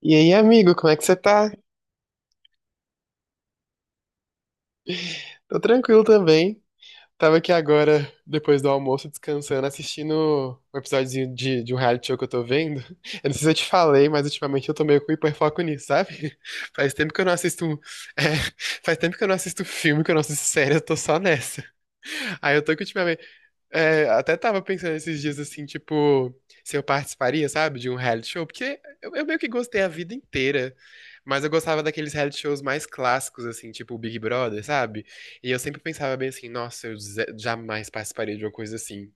E aí, amigo, como é que você tá? Tô tranquilo também. Tava aqui agora, depois do almoço, descansando, assistindo um episódiozinho de um reality show que eu tô vendo. Eu não sei se eu te falei, mas ultimamente eu tô meio com hiperfoco nisso, sabe? Faz tempo que eu não assisto. É, faz tempo que eu não assisto filme, que eu não assisto série, eu tô só nessa. Aí eu tô que ultimamente. É, até tava pensando esses dias assim, tipo, se eu participaria, sabe, de um reality show, porque eu meio que gostei a vida inteira, mas eu gostava daqueles reality shows mais clássicos, assim, tipo o Big Brother, sabe? E eu sempre pensava bem assim, nossa, eu jamais participaria de uma coisa assim.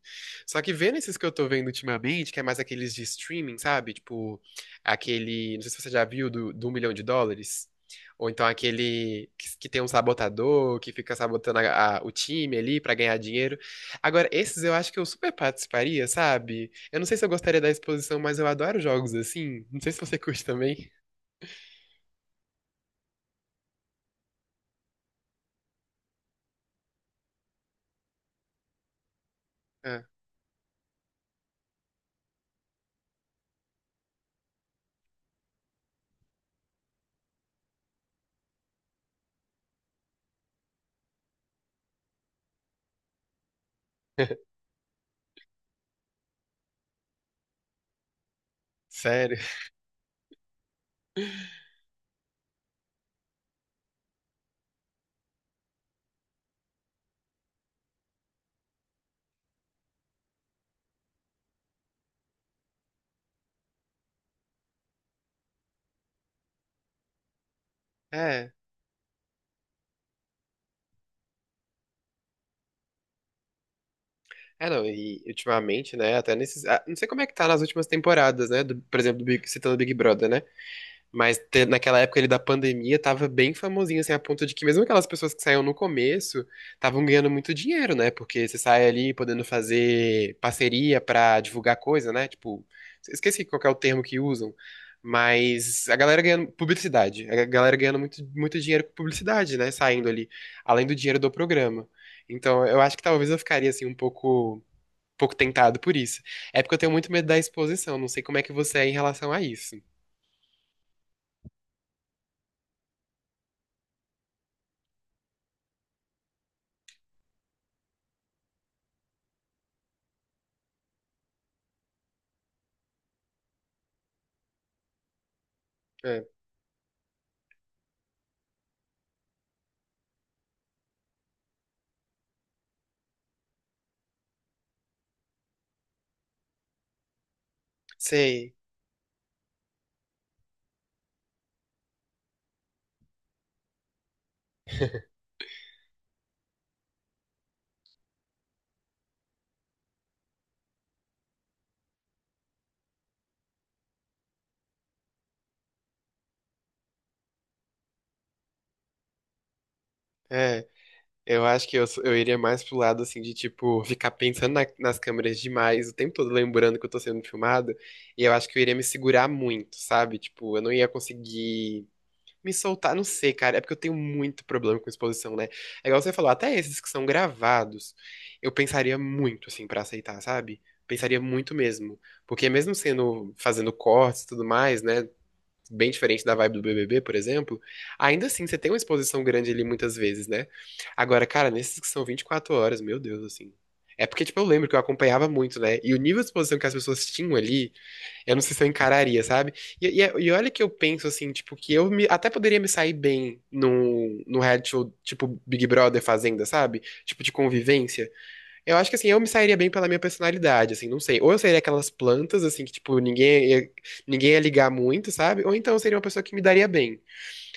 Só que vendo esses que eu tô vendo ultimamente, que é mais aqueles de streaming, sabe? Tipo, aquele, não sei se você já viu, do Um Milhão de Dólares. Ou então aquele que tem um sabotador, que fica sabotando o time ali pra ganhar dinheiro. Agora, esses eu acho que eu super participaria, sabe? Eu não sei se eu gostaria da exposição, mas eu adoro jogos assim. Não sei se você curte também. Ah, sério. É. É, não, e ultimamente, né, até nesses. Não sei como é que tá nas últimas temporadas, né? Por exemplo, do Big, citando o Big Brother, né? Mas naquela época ele da pandemia tava bem famosinho, assim, a ponto de que mesmo aquelas pessoas que saíam no começo estavam ganhando muito dinheiro, né? Porque você sai ali podendo fazer parceria pra divulgar coisa, né? Tipo, esqueci qual que é o termo que usam, mas a galera ganhando publicidade, a galera ganhando muito, muito dinheiro com publicidade, né? Saindo ali, além do dinheiro do programa. Então, eu acho que talvez eu ficaria assim um pouco tentado por isso. É porque eu tenho muito medo da exposição, não sei como é que você é em relação a isso. É, sei. É, eu acho que eu iria mais pro lado, assim, de, tipo, ficar pensando nas câmeras demais, o tempo todo lembrando que eu tô sendo filmado, e eu acho que eu iria me segurar muito, sabe? Tipo, eu não ia conseguir me soltar, não sei, cara, é porque eu tenho muito problema com exposição, né? É igual você falou, até esses que são gravados, eu pensaria muito, assim, pra aceitar, sabe? Pensaria muito mesmo, porque mesmo sendo, fazendo cortes e tudo mais, né? Bem diferente da vibe do BBB, por exemplo, ainda assim você tem uma exposição grande ali muitas vezes, né? Agora, cara, nesses que são 24 horas, meu Deus, assim. É porque, tipo, eu lembro que eu acompanhava muito, né? E o nível de exposição que as pessoas tinham ali, eu não sei se eu encararia, sabe? E olha que eu penso, assim, tipo, que eu até poderia me sair bem num reality show, tipo, Big Brother Fazenda, sabe? Tipo, de convivência. Eu acho que assim, eu me sairia bem pela minha personalidade, assim, não sei. Ou eu seria aquelas plantas, assim, que, tipo, ninguém ia ligar muito, sabe? Ou então eu seria uma pessoa que me daria bem.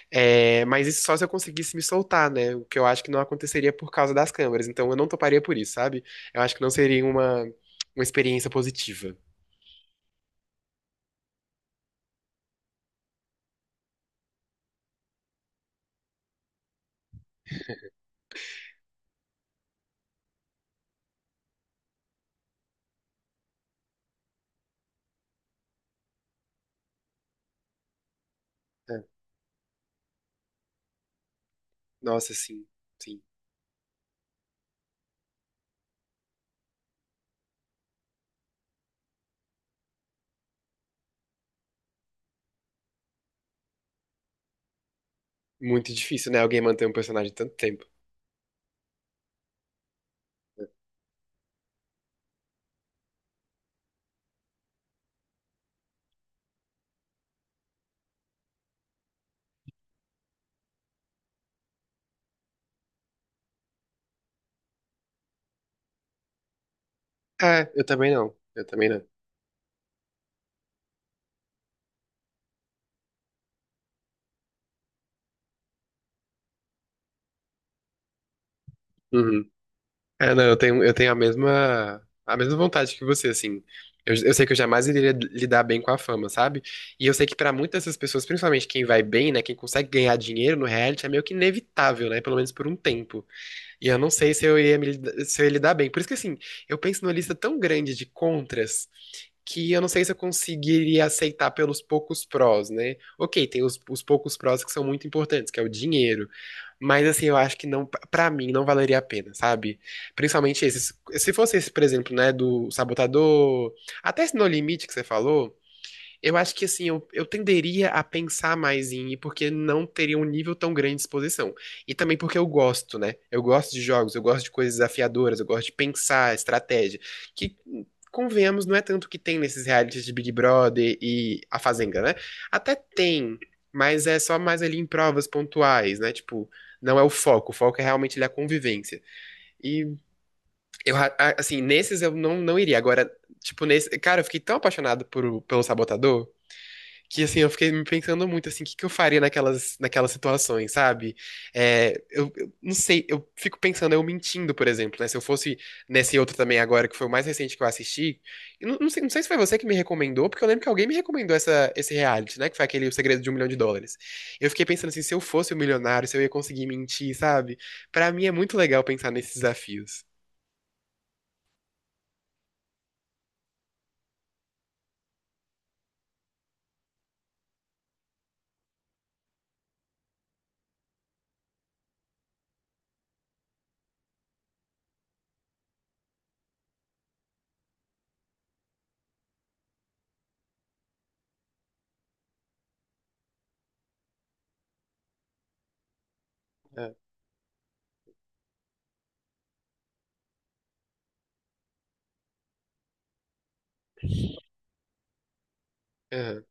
É, mas isso só se eu conseguisse me soltar, né? O que eu acho que não aconteceria por causa das câmeras. Então eu não toparia por isso, sabe? Eu acho que não seria uma experiência positiva. É. Nossa, sim, sim. Muito difícil, né? Alguém manter um personagem tanto tempo. É, eu também não. Eu também não. Uhum. É, não, eu tenho a mesma vontade que você, assim. Eu sei que eu jamais iria lidar bem com a fama, sabe? E eu sei que pra muitas dessas pessoas, principalmente quem vai bem, né, quem consegue ganhar dinheiro no reality, é meio que inevitável, né? Pelo menos por um tempo. E eu não sei se eu ia lidar bem. Por isso que, assim, eu penso numa lista tão grande de contras que eu não sei se eu conseguiria aceitar pelos poucos prós, né? Ok, tem os poucos prós que são muito importantes, que é o dinheiro. Mas, assim, eu acho que não, pra mim, não valeria a pena, sabe? Principalmente esses. Se fosse esse, por exemplo, né, do sabotador, até esse No Limite que você falou. Eu acho que assim, eu tenderia a pensar mais em ir, porque não teria um nível tão grande de exposição. E também porque eu gosto, né? Eu gosto de jogos, eu gosto de coisas desafiadoras, eu gosto de pensar estratégia. Que, convenhamos, não é tanto o que tem nesses realities de Big Brother e A Fazenda, né? Até tem, mas é só mais ali em provas pontuais, né? Tipo, não é o foco é realmente ali a convivência. E eu, assim, nesses eu não iria. Agora, tipo, nesse. Cara, eu fiquei tão apaixonado pelo Sabotador que assim, eu fiquei me pensando muito assim, o que que eu faria naquelas situações, sabe? É, eu não sei, eu fico pensando, eu mentindo, por exemplo, né? Se eu fosse nesse outro também agora, que foi o mais recente que eu assisti, eu não sei se foi você que me recomendou, porque eu lembro que alguém me recomendou esse reality, né? Que foi aquele O Segredo de um Milhão de Dólares. Eu fiquei pensando assim, se eu fosse um milionário, se eu ia conseguir mentir, sabe? Pra mim é muito legal pensar nesses desafios. Ah, aham,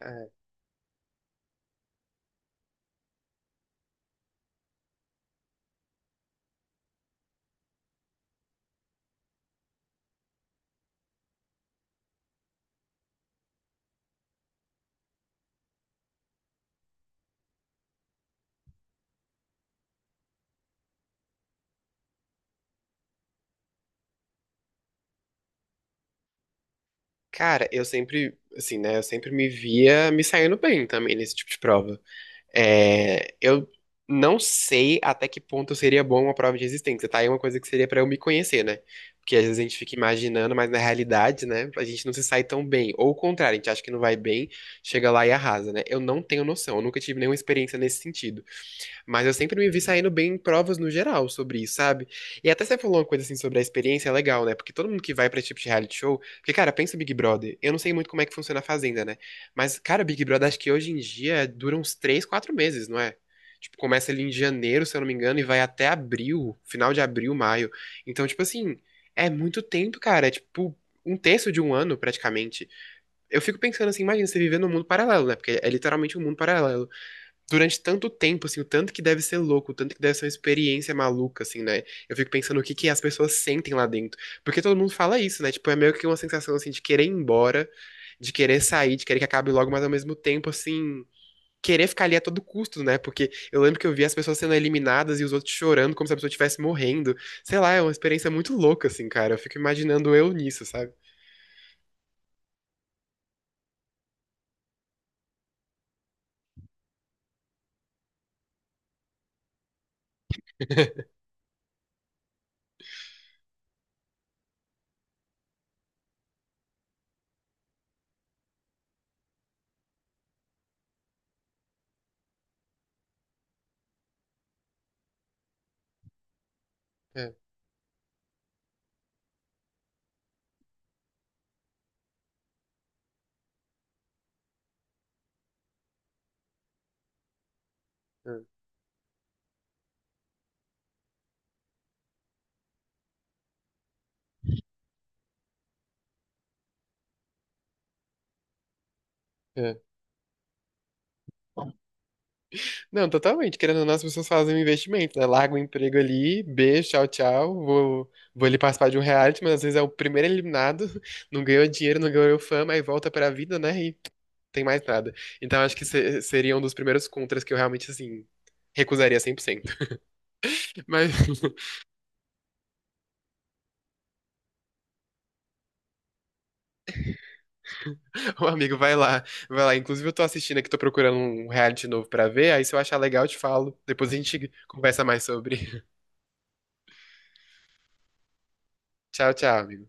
ah. Cara, eu sempre, assim, né? Eu sempre me via me saindo bem também nesse tipo de prova. É, eu não sei até que ponto seria bom uma prova de resistência, tá? É uma coisa que seria pra eu me conhecer, né? Porque às vezes a gente fica imaginando, mas na realidade, né, a gente não se sai tão bem. Ou o contrário, a gente acha que não vai bem, chega lá e arrasa, né? Eu não tenho noção, eu nunca tive nenhuma experiência nesse sentido. Mas eu sempre me vi saindo bem em provas no geral sobre isso, sabe? E até você falou uma coisa assim sobre a experiência, é legal, né? Porque todo mundo que vai pra esse tipo de reality show. Porque, cara, pensa o Big Brother. Eu não sei muito como é que funciona a Fazenda, né? Mas, cara, Big Brother acho que hoje em dia dura uns 3 4 meses, não é? Tipo, começa ali em janeiro, se eu não me engano, e vai até abril, final de abril, maio. Então, tipo assim, é muito tempo, cara. É tipo um terço de um ano, praticamente. Eu fico pensando assim, imagina você viver num mundo paralelo, né? Porque é literalmente um mundo paralelo durante tanto tempo, assim, o tanto que deve ser louco, o tanto que deve ser uma experiência maluca, assim, né? Eu fico pensando o que que as pessoas sentem lá dentro. Porque todo mundo fala isso, né? Tipo, é meio que uma sensação, assim, de querer ir embora, de querer sair, de querer que acabe logo, mas ao mesmo tempo, assim, querer ficar ali a todo custo, né? Porque eu lembro que eu vi as pessoas sendo eliminadas e os outros chorando como se a pessoa estivesse morrendo. Sei lá, é uma experiência muito louca, assim, cara. Eu fico imaginando eu nisso, sabe? É, é, é. Não, totalmente. Querendo ou não, as pessoas fazem um investimento, né? Larga o emprego ali, beijo, tchau, tchau. Vou ali participar de um reality, mas às vezes é o primeiro eliminado, não ganhou dinheiro, não ganhou fama, aí volta pra vida, né? E tem mais nada. Então acho que seria um dos primeiros contras que eu realmente, assim, recusaria 100%. Mas, ô amigo, vai lá, vai lá. Inclusive, eu tô assistindo aqui, tô procurando um reality novo pra ver, aí se eu achar legal, eu te falo. Depois a gente conversa mais sobre. Tchau, tchau, amigo.